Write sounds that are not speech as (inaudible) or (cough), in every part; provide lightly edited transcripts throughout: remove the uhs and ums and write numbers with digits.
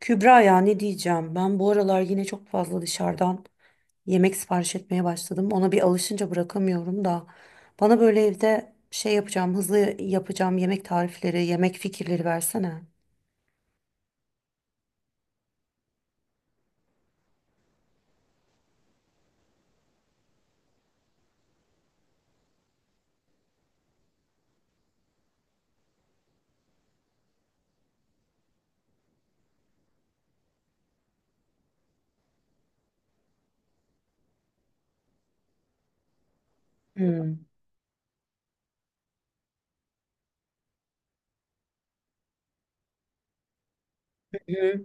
Kübra, ya ne diyeceğim? Ben bu aralar yine çok fazla dışarıdan yemek sipariş etmeye başladım. Ona bir alışınca bırakamıyorum da. Bana böyle evde şey yapacağım, hızlı yapacağım yemek tarifleri, yemek fikirleri versene. Hmm. Hı.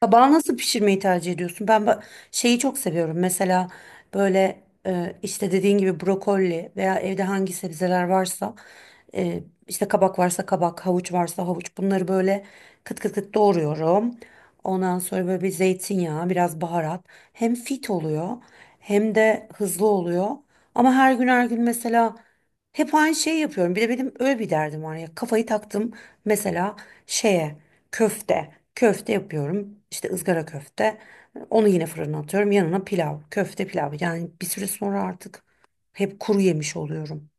Kabağı nasıl pişirmeyi tercih ediyorsun? Şeyi çok seviyorum. Mesela böyle işte dediğin gibi brokoli veya evde hangi sebzeler varsa işte kabak varsa kabak, havuç varsa havuç, bunları böyle kıt kıt kıt doğruyorum. Ondan sonra böyle bir zeytinyağı, biraz baharat. Hem fit oluyor hem de hızlı oluyor. Ama her gün her gün mesela hep aynı şeyi yapıyorum. Bir de benim öyle bir derdim var ya. Kafayı taktım mesela şeye. Köfte. Köfte yapıyorum. İşte ızgara köfte. Onu yine fırına atıyorum. Yanına pilav. Köfte pilav. Yani bir süre sonra artık hep kuru yemiş oluyorum.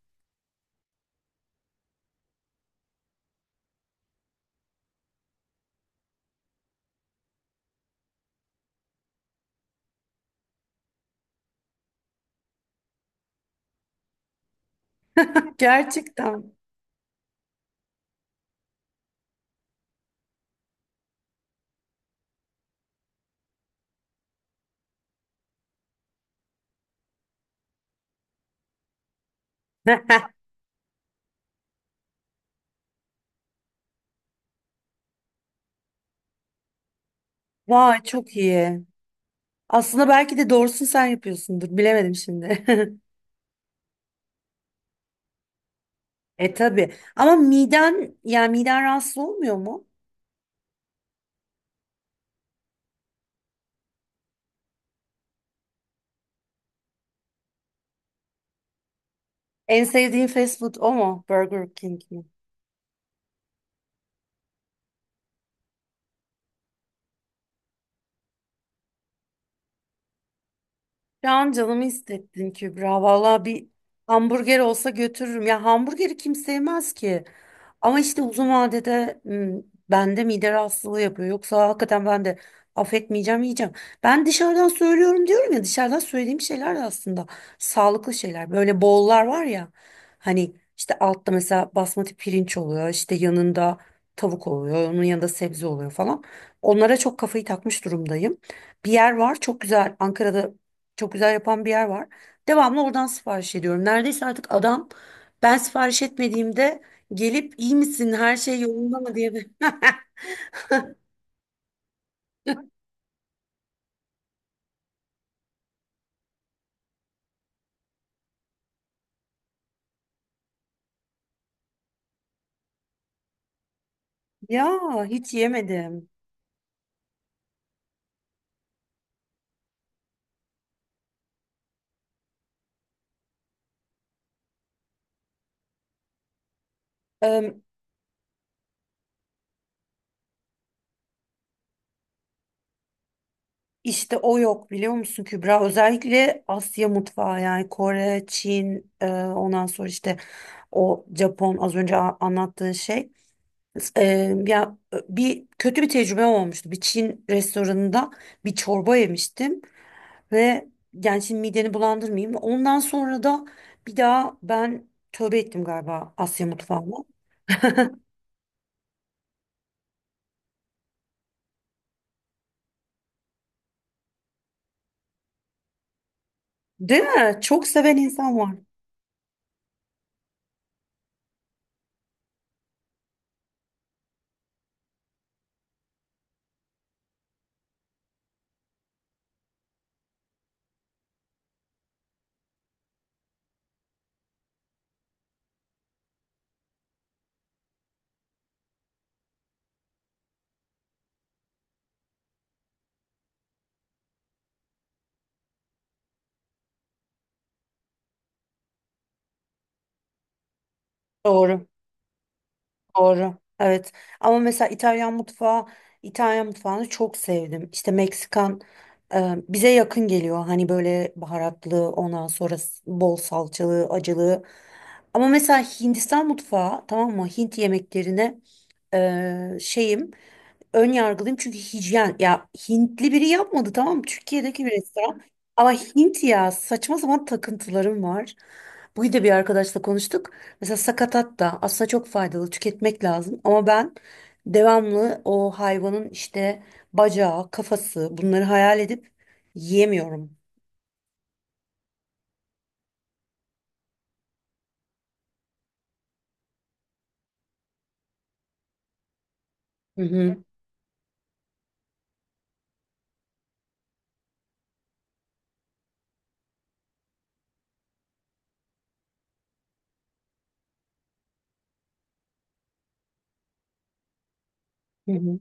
Gerçekten. (laughs) Vay, çok iyi. Aslında belki de doğrusunu sen yapıyorsundur. Bilemedim şimdi. (laughs) E tabii. Ama miden, yani miden rahatsız olmuyor mu? En sevdiğin fast food o mu? Burger King mi? Şu an canımı hissettin Kübra. Valla bir hamburger olsa götürürüm. Ya hamburgeri kim sevmez ki. Ama işte uzun vadede bende mide rahatsızlığı yapıyor. Yoksa hakikaten ben de affetmeyeceğim, yiyeceğim. Ben dışarıdan söylüyorum diyorum ya, dışarıdan söylediğim şeyler de aslında sağlıklı şeyler. Böyle bollar var ya, hani işte altta mesela basmati pirinç oluyor. İşte yanında tavuk oluyor. Onun yanında sebze oluyor falan. Onlara çok kafayı takmış durumdayım. Bir yer var çok güzel Ankara'da, çok güzel yapan bir yer var. Devamlı oradan sipariş ediyorum. Neredeyse artık adam, ben sipariş etmediğimde gelip iyi misin, her şey yolunda mı diye (laughs) Ya hiç yemedim. Ee, işte o yok, biliyor musun Kübra? Özellikle Asya mutfağı, yani Kore, Çin, ondan sonra işte o Japon az önce anlattığın şey. E, Ya bir kötü bir tecrübe olmuştu. Bir Çin restoranında bir çorba yemiştim. Ve yani şimdi mideni bulandırmayayım. Ondan sonra da bir daha ben tövbe ettim galiba Asya mutfağına. Değil mi? Çok seven insan var. Doğru. Doğru. Evet. Ama mesela İtalyan mutfağı, İtalyan mutfağını çok sevdim. İşte Meksikan bize yakın geliyor. Hani böyle baharatlı, ondan sonra bol salçalı, acılı. Ama mesela Hindistan mutfağı, tamam mı? Hint yemeklerine şeyim. Ön yargılıyım çünkü hijyen, ya Hintli biri yapmadı tamam mı? Türkiye'deki bir restoran, ama Hint, ya saçma sapan takıntılarım var. Bugün de bir arkadaşla konuştuk. Mesela sakatat da aslında çok faydalı, tüketmek lazım, ama ben devamlı o hayvanın işte bacağı, kafası bunları hayal edip yiyemiyorum. Hı hı. Hı hı.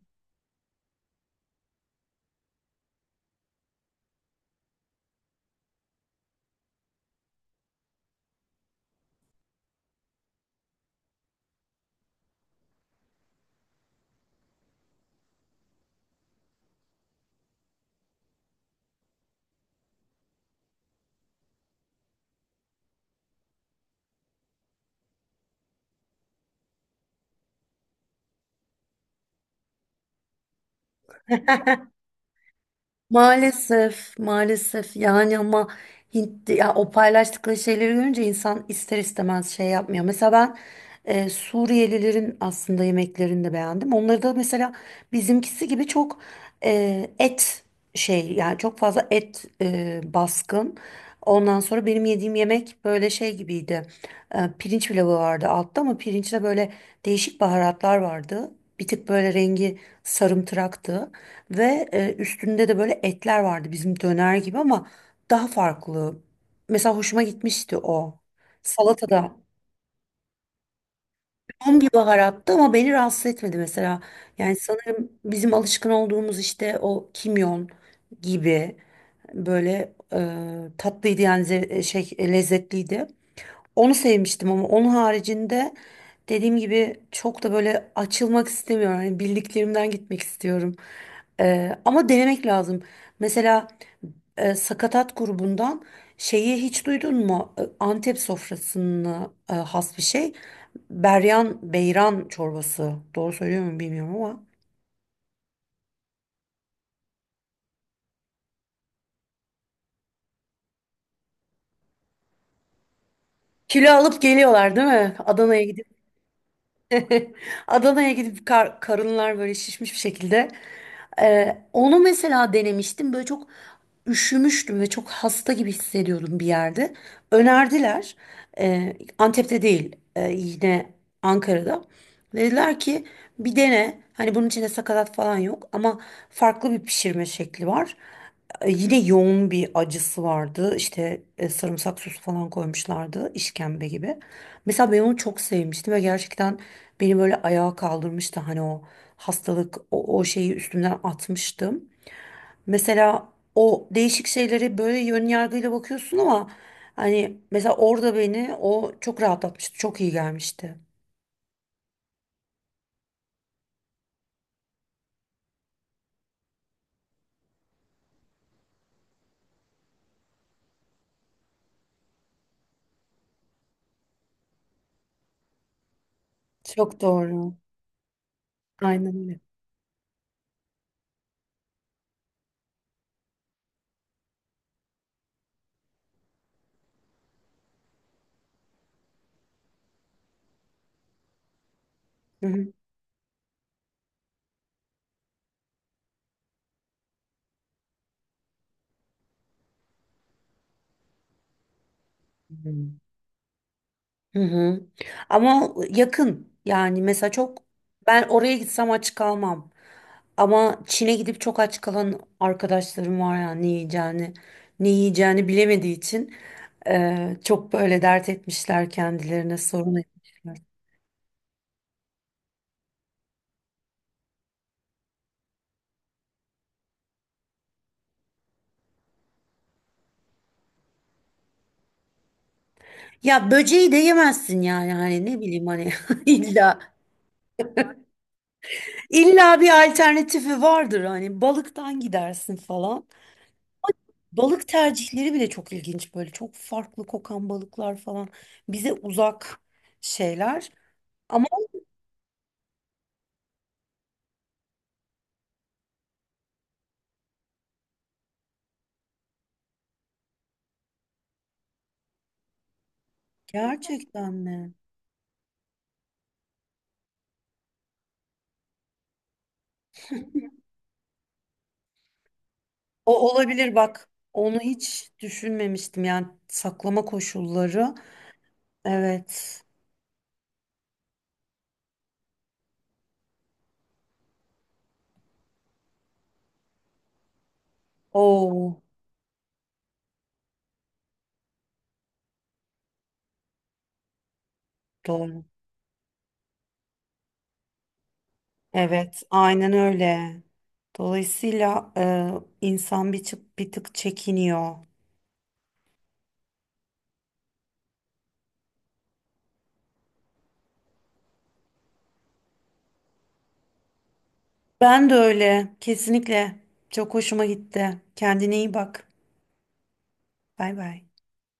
(laughs) Maalesef, maalesef yani. Ama Hint, ya o paylaştıkları şeyleri görünce insan ister istemez şey yapmıyor. Mesela ben Suriyelilerin aslında yemeklerini de beğendim. Onları da mesela bizimkisi gibi çok et şey, yani çok fazla et baskın. Ondan sonra benim yediğim yemek böyle şey gibiydi. Pirinç pilavı vardı altta, ama pirinçte böyle değişik baharatlar vardı. Bir tık böyle rengi sarımtıraktı. Ve üstünde de böyle etler vardı bizim döner gibi, ama daha farklı. Mesela hoşuma gitmişti o. Salatada yoğun bir baharattı, ama beni rahatsız etmedi mesela. Yani sanırım bizim alışkın olduğumuz işte o kimyon gibi böyle tatlıydı, yani lezzetliydi. Onu sevmiştim, ama onun haricinde dediğim gibi çok da böyle açılmak istemiyorum. Hani bildiklerimden gitmek istiyorum. Ama denemek lazım. Mesela sakatat grubundan şeyi hiç duydun mu? Antep sofrasına has bir şey. Beryan, beyran çorbası. Doğru söylüyor muyum bilmiyorum ama. Kilo alıp geliyorlar değil mi? Adana'ya gidip. (laughs) Adana'ya gidip karınlar böyle şişmiş bir şekilde. Onu mesela denemiştim. Böyle çok üşümüştüm ve çok hasta gibi hissediyordum bir yerde. Önerdiler. Antep'te değil, yine Ankara'da. Dediler ki bir dene. Hani bunun içinde sakatat falan yok, ama farklı bir pişirme şekli var. Yine yoğun bir acısı vardı. İşte sarımsak sosu falan koymuşlardı, işkembe gibi. Mesela ben onu çok sevmiştim ve gerçekten beni böyle ayağa kaldırmıştı, hani o hastalık, o şeyi üstümden atmıştım. Mesela o değişik şeylere böyle yön yargıyla bakıyorsun, ama hani mesela orada beni o çok rahatlatmıştı. Çok iyi gelmişti. Çok doğru. Aynen öyle. Hı hı. Hı hı. Ama yakın yani, mesela çok ben oraya gitsem aç kalmam. Ama Çin'e gidip çok aç kalan arkadaşlarım var ya, ne yiyeceğini bilemediği için çok böyle dert etmişler, kendilerine sorun etmişler. Ya böceği de yemezsin yani, hani ne bileyim hani (laughs) illa illa bir alternatifi vardır, hani balıktan gidersin falan. Balık tercihleri bile çok ilginç, böyle çok farklı kokan balıklar falan bize uzak şeyler, ama gerçekten mi? O olabilir bak. Onu hiç düşünmemiştim, yani saklama koşulları. Evet. Oo, doğru. Evet, aynen öyle. Dolayısıyla insan bir, bir tık çekiniyor. Ben de öyle. Kesinlikle. Çok hoşuma gitti. Kendine iyi bak. Bay bay.